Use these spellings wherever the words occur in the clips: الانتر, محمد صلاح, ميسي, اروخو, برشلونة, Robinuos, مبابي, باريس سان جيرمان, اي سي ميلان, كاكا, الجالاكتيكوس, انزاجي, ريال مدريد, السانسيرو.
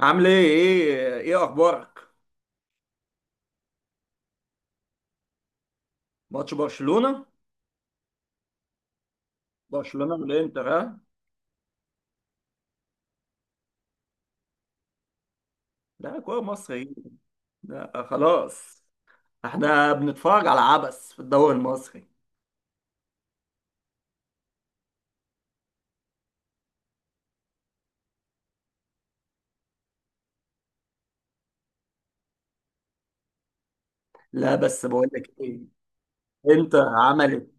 عامل ايه اخبارك ماتش برشلونة، برشلونة والانتر ها. ده كوره مصري، ده خلاص. احنا بنتفرج على عبث في الدوري المصري. لا بس بقول لك ايه، انتر عملت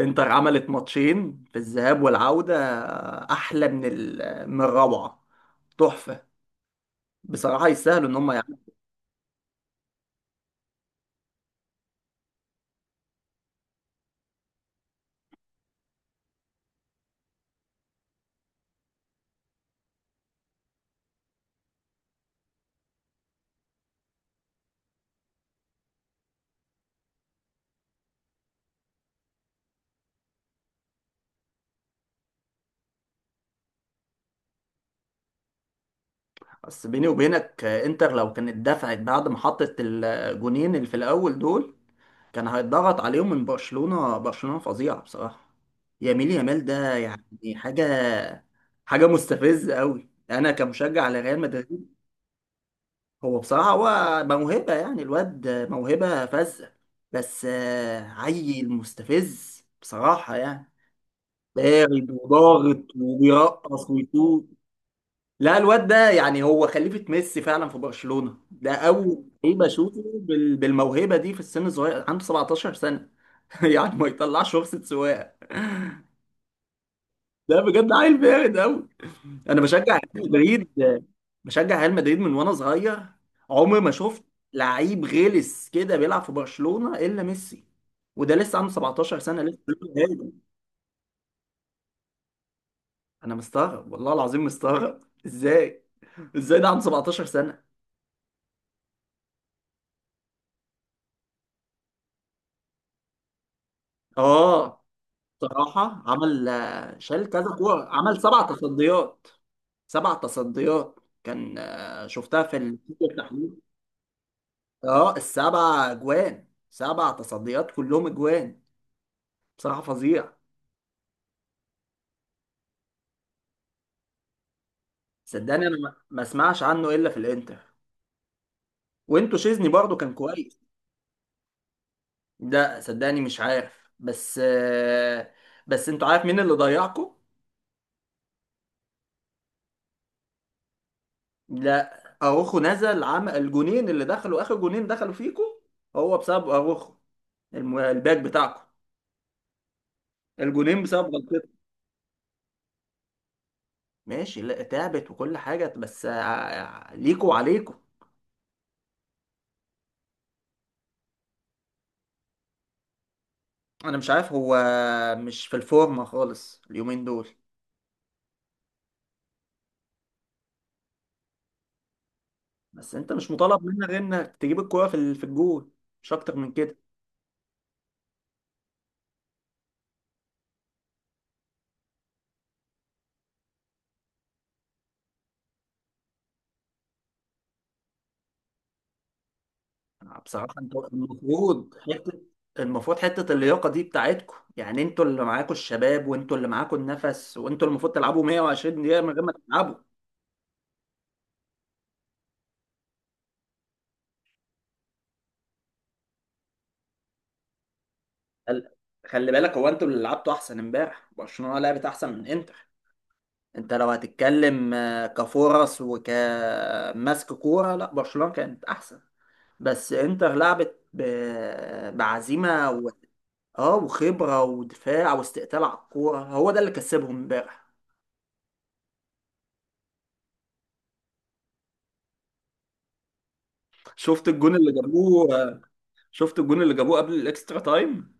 انتر عملت ماتشين في الذهاب والعودة. احلى من الروعة، تحفة. بصراحة يستاهلوا ان هم يعملوا. بس بيني وبينك انتر لو كانت دفعت بعد ما حطت الجونين اللي في الاول دول، كان هيتضغط عليهم من برشلونة. برشلونة فظيعة بصراحة، ياميل يامال ده يعني حاجة حاجة مستفزة قوي، أنا كمشجع لريال مدريد. هو بصراحة هو موهبة، يعني الواد موهبة فذة. بس عيل مستفز بصراحة يعني، بارد وضاغط وبيرقص ويشوط. لا الواد ده يعني هو خليفة ميسي فعلا في برشلونة، ده أول لعيب أشوفه بالموهبة دي في السن الصغير، عنده 17 سنة. يعني ما يطلعش رخصة سواقة، ده بجد عيل بارد قوي. انا بشجع ريال مدريد، بشجع ريال مدريد من وانا صغير. عمري ما شفت لعيب غلس كده بيلعب في برشلونة الا ميسي، وده لسه عنده 17 سنة لسه بيقول هادي. انا مستغرب، والله العظيم مستغرب. ازاي ازاي ده عنده 17 سنة. اه صراحة عمل، شال كذا كورة، عمل سبع تصديات، سبع تصديات. كان شفتها في التحليل. اه السبع اجوان، سبع تصديات كلهم اجوان، بصراحه فظيع. صدقني انا ما اسمعش عنه الا في الانتر، وانتوا شيزني برضو كان كويس. لا صدقني مش عارف، بس آه، بس انتوا عارف مين اللي ضيعكم؟ لا اروخو نزل عمل الجونين اللي دخلوا، اخر جونين دخلوا فيكم هو بسبب اروخو، الباك بتاعكم، الجونين بسبب غلطته. ماشي لا تعبت وكل حاجه، بس ليكوا وعليكوا. انا مش عارف هو مش في الفورمه خالص اليومين دول. بس انت مش مطالب منك غير انك تجيب الكوره في الجول، مش اكتر من كده. بصراحه انت المفروض حته، المفروض حته اللياقه دي بتاعتكم، يعني انتوا اللي معاكوا الشباب، وانتوا اللي معاكوا النفس، وانتوا اللي المفروض تلعبوا 120 دقيقه من غير ما تتعبوا. خل- خلي بالك هو انتوا اللي لعبتوا احسن امبارح، برشلونه لعبت احسن من انتر. انت لو هتتكلم كفرص وكمسك كوره، لا برشلونه كانت احسن. بس انتر لعبت بعزيمه اه وخبره ودفاع واستقتال على الكوره، هو ده اللي كسبهم امبارح. شفت الجون اللي جابوه، شفت الجون اللي جابوه قبل الاكسترا تايم؟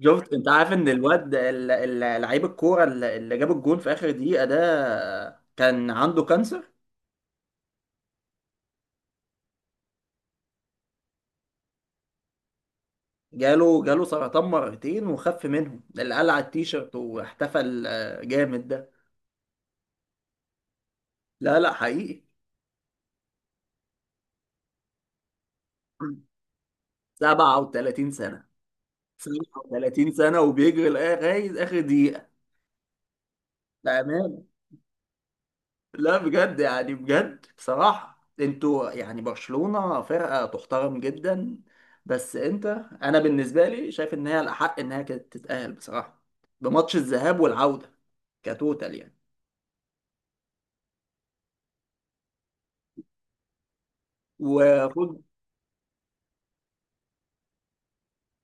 شفت؟ انت عارف ان الواد لعيب الكوره اللي جاب الجون في اخر دقيقه ده كان عنده كانسر، جاله سرطان مرتين وخف منهم، اللي قلع التيشيرت واحتفل جامد ده. لا لا حقيقي، 37 سنه، 30 سنة وبيجري لغاية آخر دقيقة بأمان. لا بجد يعني، بجد بصراحة انتوا يعني برشلونة فرقة تحترم جدا. بس انت، انا بالنسبة لي شايف ان هي الأحق انها كانت تتأهل بصراحة، بماتش الذهاب والعودة كتوتال يعني. وخد،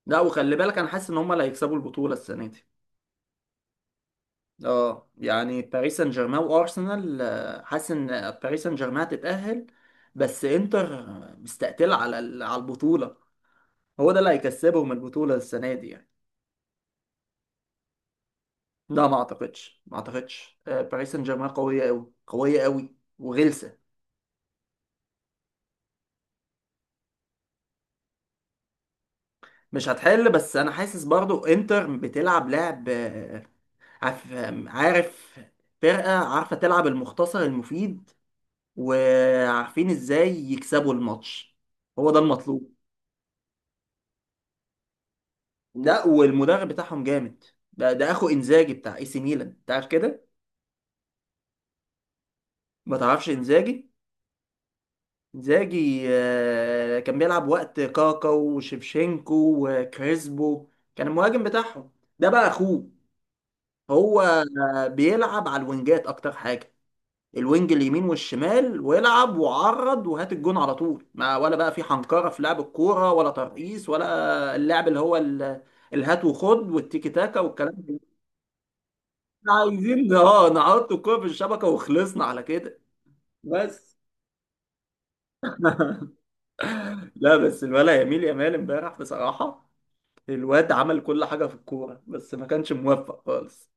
لا وخلي بالك انا حاسس ان هم اللي هيكسبوا البطولة السنة دي. اه يعني باريس سان جيرمان وارسنال، حاسس ان باريس سان جيرمان هتتأهل، بس انتر مستقتلة على البطولة، هو ده اللي هيكسبهم البطولة السنة دي يعني. لا. مم. ما اعتقدش، باريس سان جيرمان قوية قوي، قوية قوي وغلسة. مش هتحل، بس انا حاسس برضو انتر بتلعب لعب، آه، عارف، عارف، فرقة عارفة تلعب المختصر المفيد، وعارفين ازاي يكسبوا الماتش، هو ده المطلوب. لا والمدرب بتاعهم جامد، ده اخو انزاجي بتاع اي سي ميلان تعرف كده؟ ما تعرفش انزاجي؟ انزاجي كان بيلعب وقت كاكا وشيفشينكو وكريسبو، كان المهاجم بتاعهم. ده بقى اخوه، هو بيلعب على الوينجات اكتر حاجه، الوينج اليمين والشمال ويلعب وعرض وهات الجون على طول، ما ولا بقى في حنكره في لعب الكوره، ولا ترقيص، ولا اللعب اللي هو الهات وخد والتيكي تاكا والكلام ده. إحنا عايزين اه نحط الكوره في الشبكه وخلصنا على كده بس. لا بس الولا يميل يامال امبارح بصراحه، الواد عمل كل حاجة في الكورة بس ما كانش موفق خالص.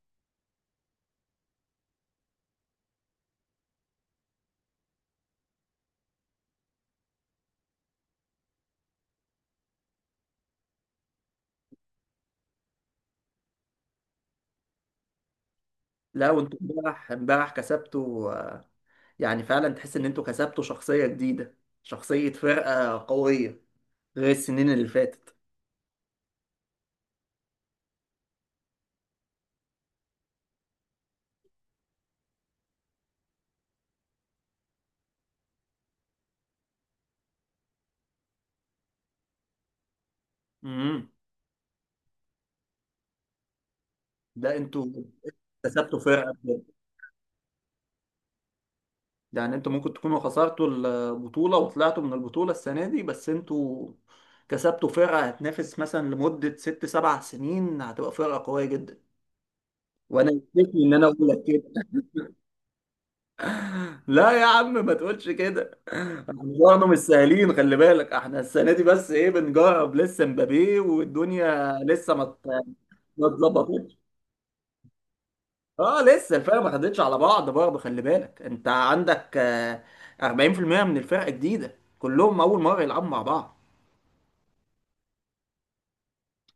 لا وانتوا امبارح كسبتوا آه، يعني فعلا تحس ان انتوا كسبتوا شخصية جديدة، شخصية فرقة قوية غير السنين اللي فاتت. امم، ده انتوا كسبتوا فرقة بجد. يعني انتوا ممكن تكونوا خسرتوا البطولة وطلعتوا من البطولة السنة دي، بس انتوا كسبتوا فرقة هتنافس مثلا لمدة ست سبع سنين، هتبقى فرقة قوية جدا. وانا يكفي ان انا اقول لك. لا يا عم ما تقولش كده، احنا برضه مش سهلين، خلي بالك احنا السنه دي بس ايه بنجرب لسه مبابي، والدنيا لسه ما اتظبطتش. اه لسه الفرقه ما خدتش على بعض برضه، خلي بالك انت عندك 40% من الفرقه جديده، كلهم اول مره يلعبوا مع بعض.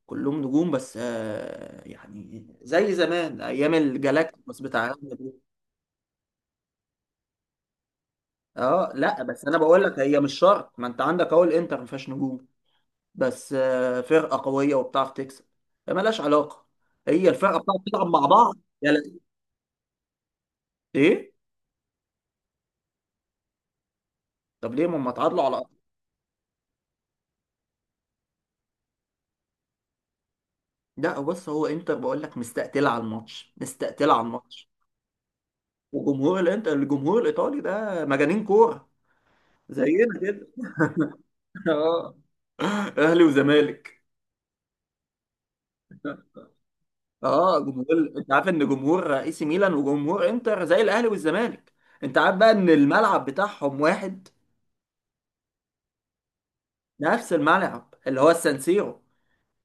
كلهم نجوم بس آه، يعني زي زمان ايام الجالاكتيكوس بتاع ريال مدريد. اه لا بس انا بقول لك هي مش شرط، ما انت عندك اهو الانتر ما فيهاش نجوم، بس آه، فرقه قويه وبتعرف تكسب. مالهاش علاقه، هي الفرقه بتعرف تلعب مع بعض. يا لا، ايه؟ طب ليه ما هم اتعادلوا على الأرض؟ لا بص هو انتر بقول لك مستقتله على الماتش، مستقتله على الماتش. وجمهور الانتر، الجمهور الايطالي ده مجانين كوره، زينا كده. اه، اهلي وزمالك. اه جمهور، انت عارف ان جمهور اي سي ميلان وجمهور انتر زي الاهلي والزمالك؟ انت عارف بقى ان الملعب بتاعهم واحد، نفس الملعب اللي هو السانسيرو.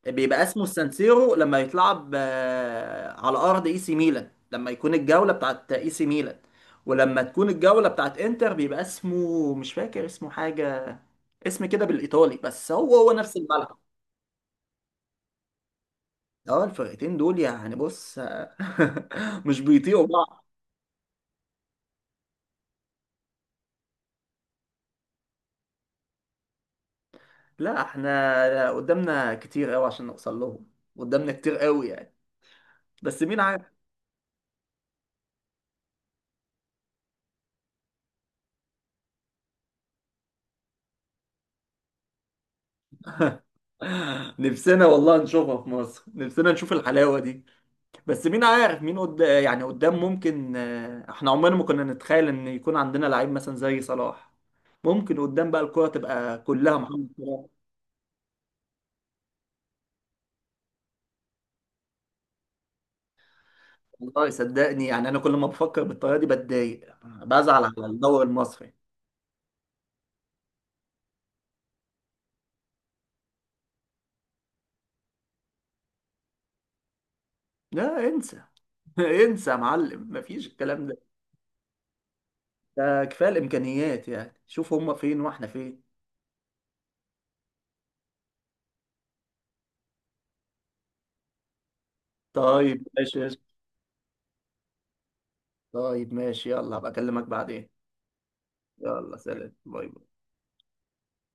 بيبقى اسمه السانسيرو لما يتلعب على ارض اي سي ميلان، لما يكون الجوله بتاعت اي سي ميلان، ولما تكون الجوله بتاعت انتر بيبقى اسمه مش فاكر اسمه، حاجه اسم كده بالايطالي، بس هو نفس الملعب. اه الفرقتين دول يعني بص آه، مش بيطيقوا بعض. لا احنا قدامنا كتير قوي عشان نوصل لهم، قدامنا كتير قوي يعني، بس مين عارف؟ نفسنا والله نشوفها في مصر، نفسنا نشوف الحلاوه دي. بس مين عارف، يعني قدام ممكن آه، احنا عمرنا ما كنا نتخيل ان يكون عندنا لعيب مثلا زي صلاح، ممكن قدام بقى الكرة تبقى كلها محمد صلاح. والله صدقني يعني انا كل ما بفكر بالطريقة دي بتضايق، بزعل على الدوري المصري. لا انسى، انسى يا معلم مفيش الكلام ده، ده كفاية الامكانيات، يعني شوف هما فين واحنا فين. طيب ماشي. طيب ماشي يلا هبقى اكلمك بعدين. يلا سلام باي.